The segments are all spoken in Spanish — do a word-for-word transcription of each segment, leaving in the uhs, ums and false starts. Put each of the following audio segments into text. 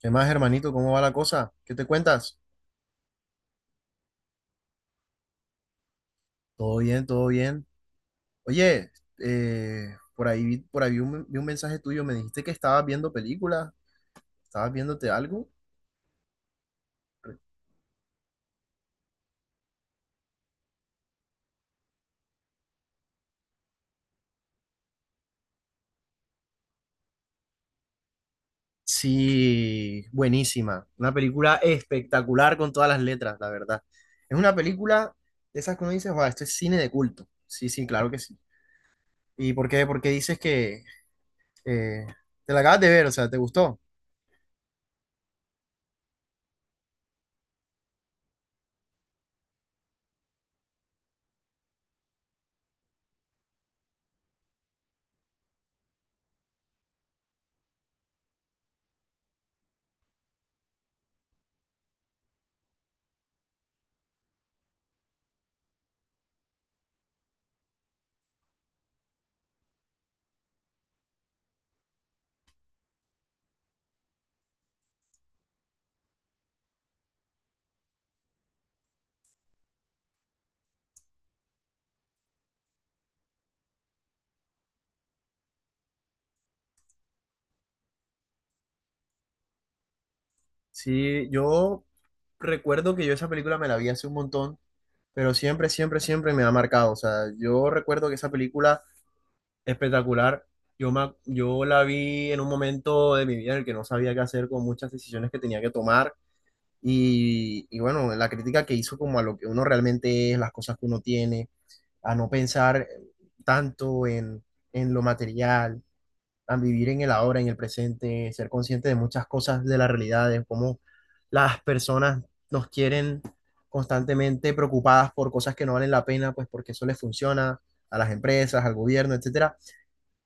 ¿Qué más, hermanito? ¿Cómo va la cosa? ¿Qué te cuentas? Todo bien, todo bien. Oye, eh, por ahí, vi- por ahí vi un, vi un mensaje tuyo. Me dijiste que estabas viendo películas. ¿Estabas viéndote algo? Sí, buenísima. Una película espectacular con todas las letras, la verdad. Es una película de esas que uno dice, wow, esto es cine de culto. Sí, sí, claro que sí. ¿Y por qué? ¿Por qué dices que eh, te la acabas de ver, o sea, ¿te gustó? Sí, yo recuerdo que yo esa película me la vi hace un montón, pero siempre, siempre, siempre me ha marcado. O sea, yo recuerdo que esa película espectacular, yo, me, ac- yo la vi en un momento de mi vida en el que no sabía qué hacer con muchas decisiones que tenía que tomar. Y, y bueno, la crítica que hizo como a lo que uno realmente es, las cosas que uno tiene, a no pensar tanto en, en lo material, a vivir en el ahora, en el presente, ser consciente de muchas cosas de la realidad, de cómo las personas nos quieren constantemente preocupadas por cosas que no valen la pena, pues porque eso les funciona a las empresas, al gobierno, etcétera.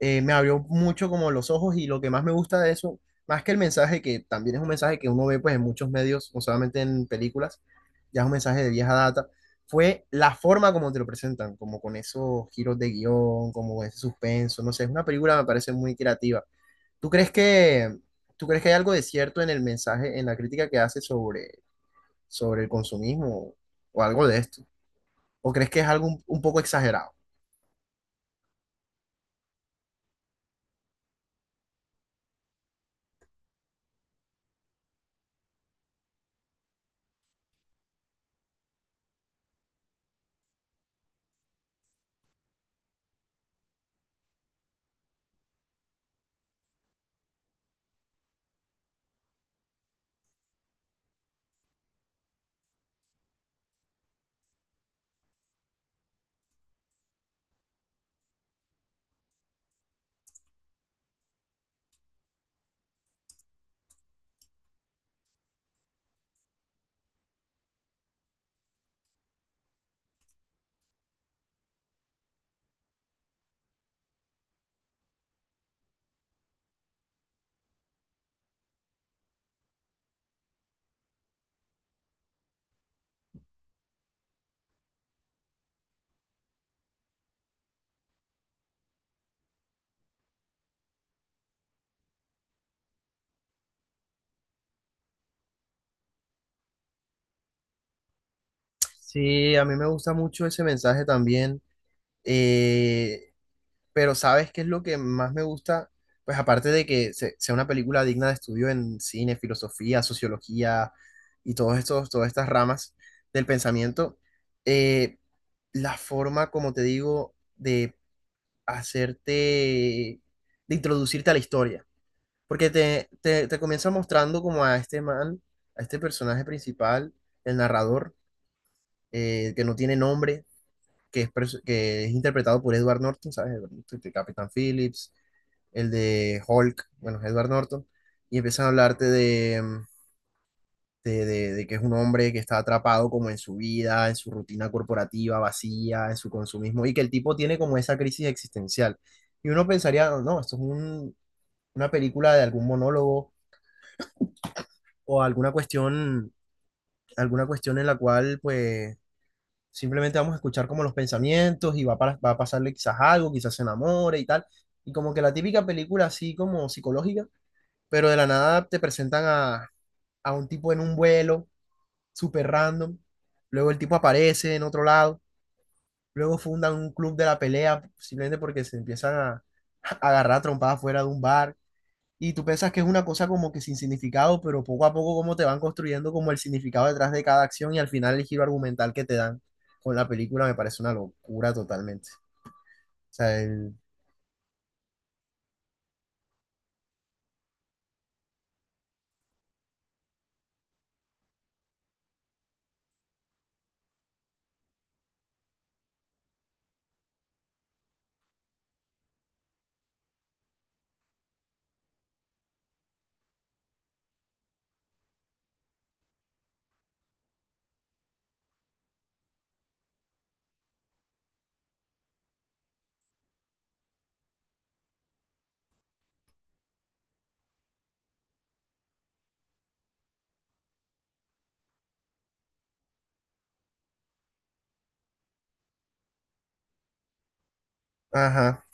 Eh, me abrió mucho como los ojos, y lo que más me gusta de eso, más que el mensaje, que también es un mensaje que uno ve pues en muchos medios, no solamente en películas, ya es un mensaje de vieja data, fue la forma como te lo presentan, como con esos giros de guión, como ese suspenso, no sé, es una película, me parece muy creativa. ¿Tú crees que, ¿Tú crees que hay algo de cierto en el mensaje, en la crítica que hace sobre, sobre el consumismo o algo de esto? ¿O crees que es algo un, un poco exagerado? Sí, a mí me gusta mucho ese mensaje también, eh, pero ¿sabes qué es lo que más me gusta? Pues aparte de que se- sea una película digna de estudio en cine, filosofía, sociología y todos estos, todas estas ramas del pensamiento, eh, la forma, como te digo, de hacerte, de introducirte a la historia. Porque te, te, te comienza mostrando como a este man, a este personaje principal, el narrador, eh, que no tiene nombre, que es, pers- que es interpretado por Edward Norton, ¿sabes? Edward Norton, el Capitán Phillips, el de Hulk, bueno, es Edward Norton, y empiezan a hablarte de, mm, de, de- de que es un hombre que está atrapado como en su vida, en su rutina corporativa vacía, en su consumismo, y que el tipo tiene como esa crisis existencial. Y uno pensaría, no, no, esto es un- una película de algún monólogo o alguna cuestión, alguna cuestión en la cual pues simplemente vamos a escuchar como los pensamientos y va, para- va a pasarle quizás algo, quizás se enamore y tal. Y como que la típica película así como psicológica, pero de la nada te presentan a, a un tipo en un vuelo súper random. Luego el tipo aparece en otro lado. Luego fundan un club de la pelea simplemente porque se empiezan a, a agarrar trompadas fuera de un bar. Y tú piensas que es una cosa como que sin significado, pero poco a poco como te van construyendo como el significado detrás de cada acción, y al final el giro argumental que te dan con la película me parece una locura totalmente. O sea, el... Ajá,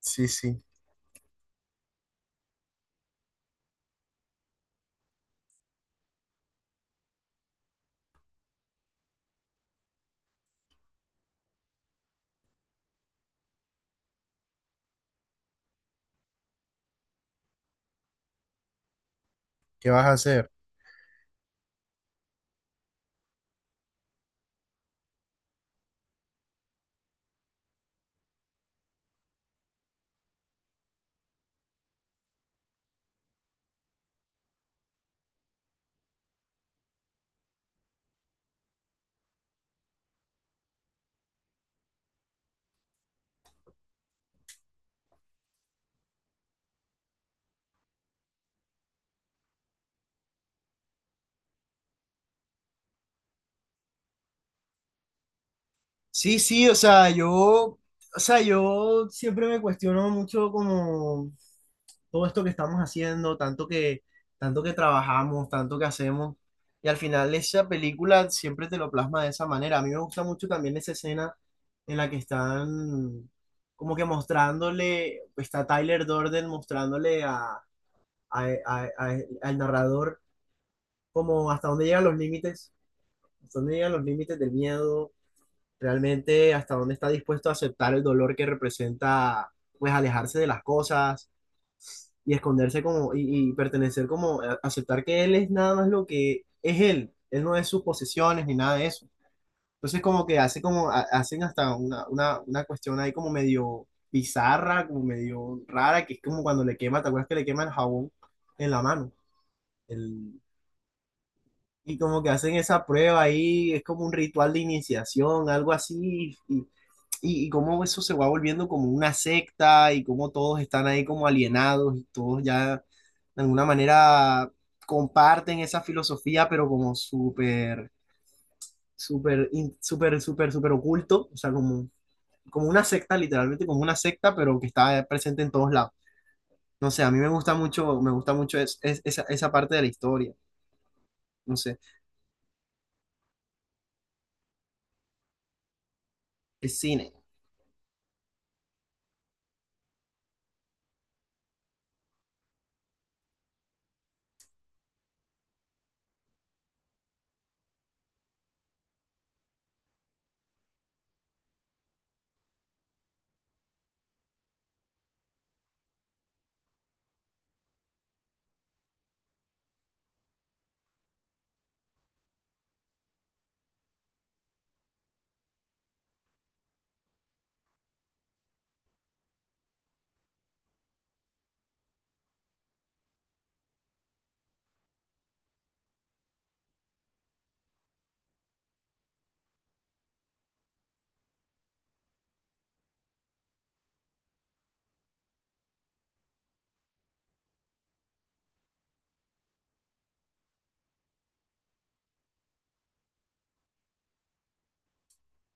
sí, sí. ¿Qué vas a hacer? Sí, sí, o sea, yo, o sea, yo siempre me cuestiono mucho como todo esto que estamos haciendo, tanto que, tanto que trabajamos, tanto que hacemos, y al final esa película siempre te lo plasma de esa manera. A mí me gusta mucho también esa escena en la que están como que mostrándole, está Tyler Durden mostrándole a, a- a- a- al narrador, como hasta dónde llegan los límites, hasta dónde llegan los límites del miedo, realmente hasta dónde está dispuesto a aceptar el dolor que representa pues alejarse de las cosas y esconderse como, y, y pertenecer como, a- aceptar que él es nada más lo que es él, él no es sus posesiones ni nada de eso. Entonces como que hace como, ha- hacen hasta una, una, una cuestión ahí como medio bizarra, como medio rara, que es como cuando le quema, ¿te acuerdas que le quema el jabón en la mano? Y como que hacen esa prueba ahí, es como un ritual de iniciación, algo así, y, y, y cómo eso se va volviendo como una secta y cómo todos están ahí como alienados y todos ya de alguna manera comparten esa filosofía, pero como súper, súper, in- súper, súper, súper oculto, o sea, como, como una secta, literalmente como una secta, pero que está presente en todos lados. No sé, a mí me gusta mucho, me gusta mucho es- es- esa, esa parte de la historia, no sé, el cine.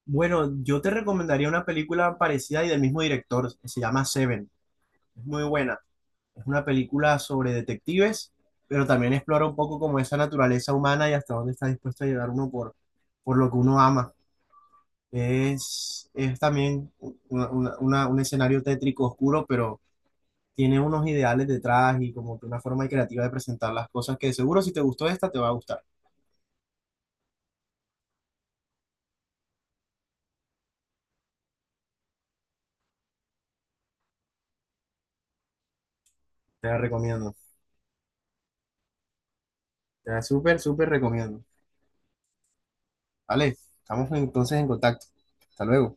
Bueno, yo te recomendaría una película parecida y del mismo director, se llama Seven. Es muy buena. Es una película sobre detectives, pero también explora un poco como esa naturaleza humana y hasta dónde está dispuesto a llegar uno por, por lo que uno ama. Es, es también una- una- una- un escenario tétrico oscuro, pero tiene unos ideales detrás y como que una forma creativa de presentar las cosas que seguro si te gustó esta te va a gustar. Te la recomiendo. Te la súper, súper recomiendo. Vale, estamos entonces en contacto. Hasta luego.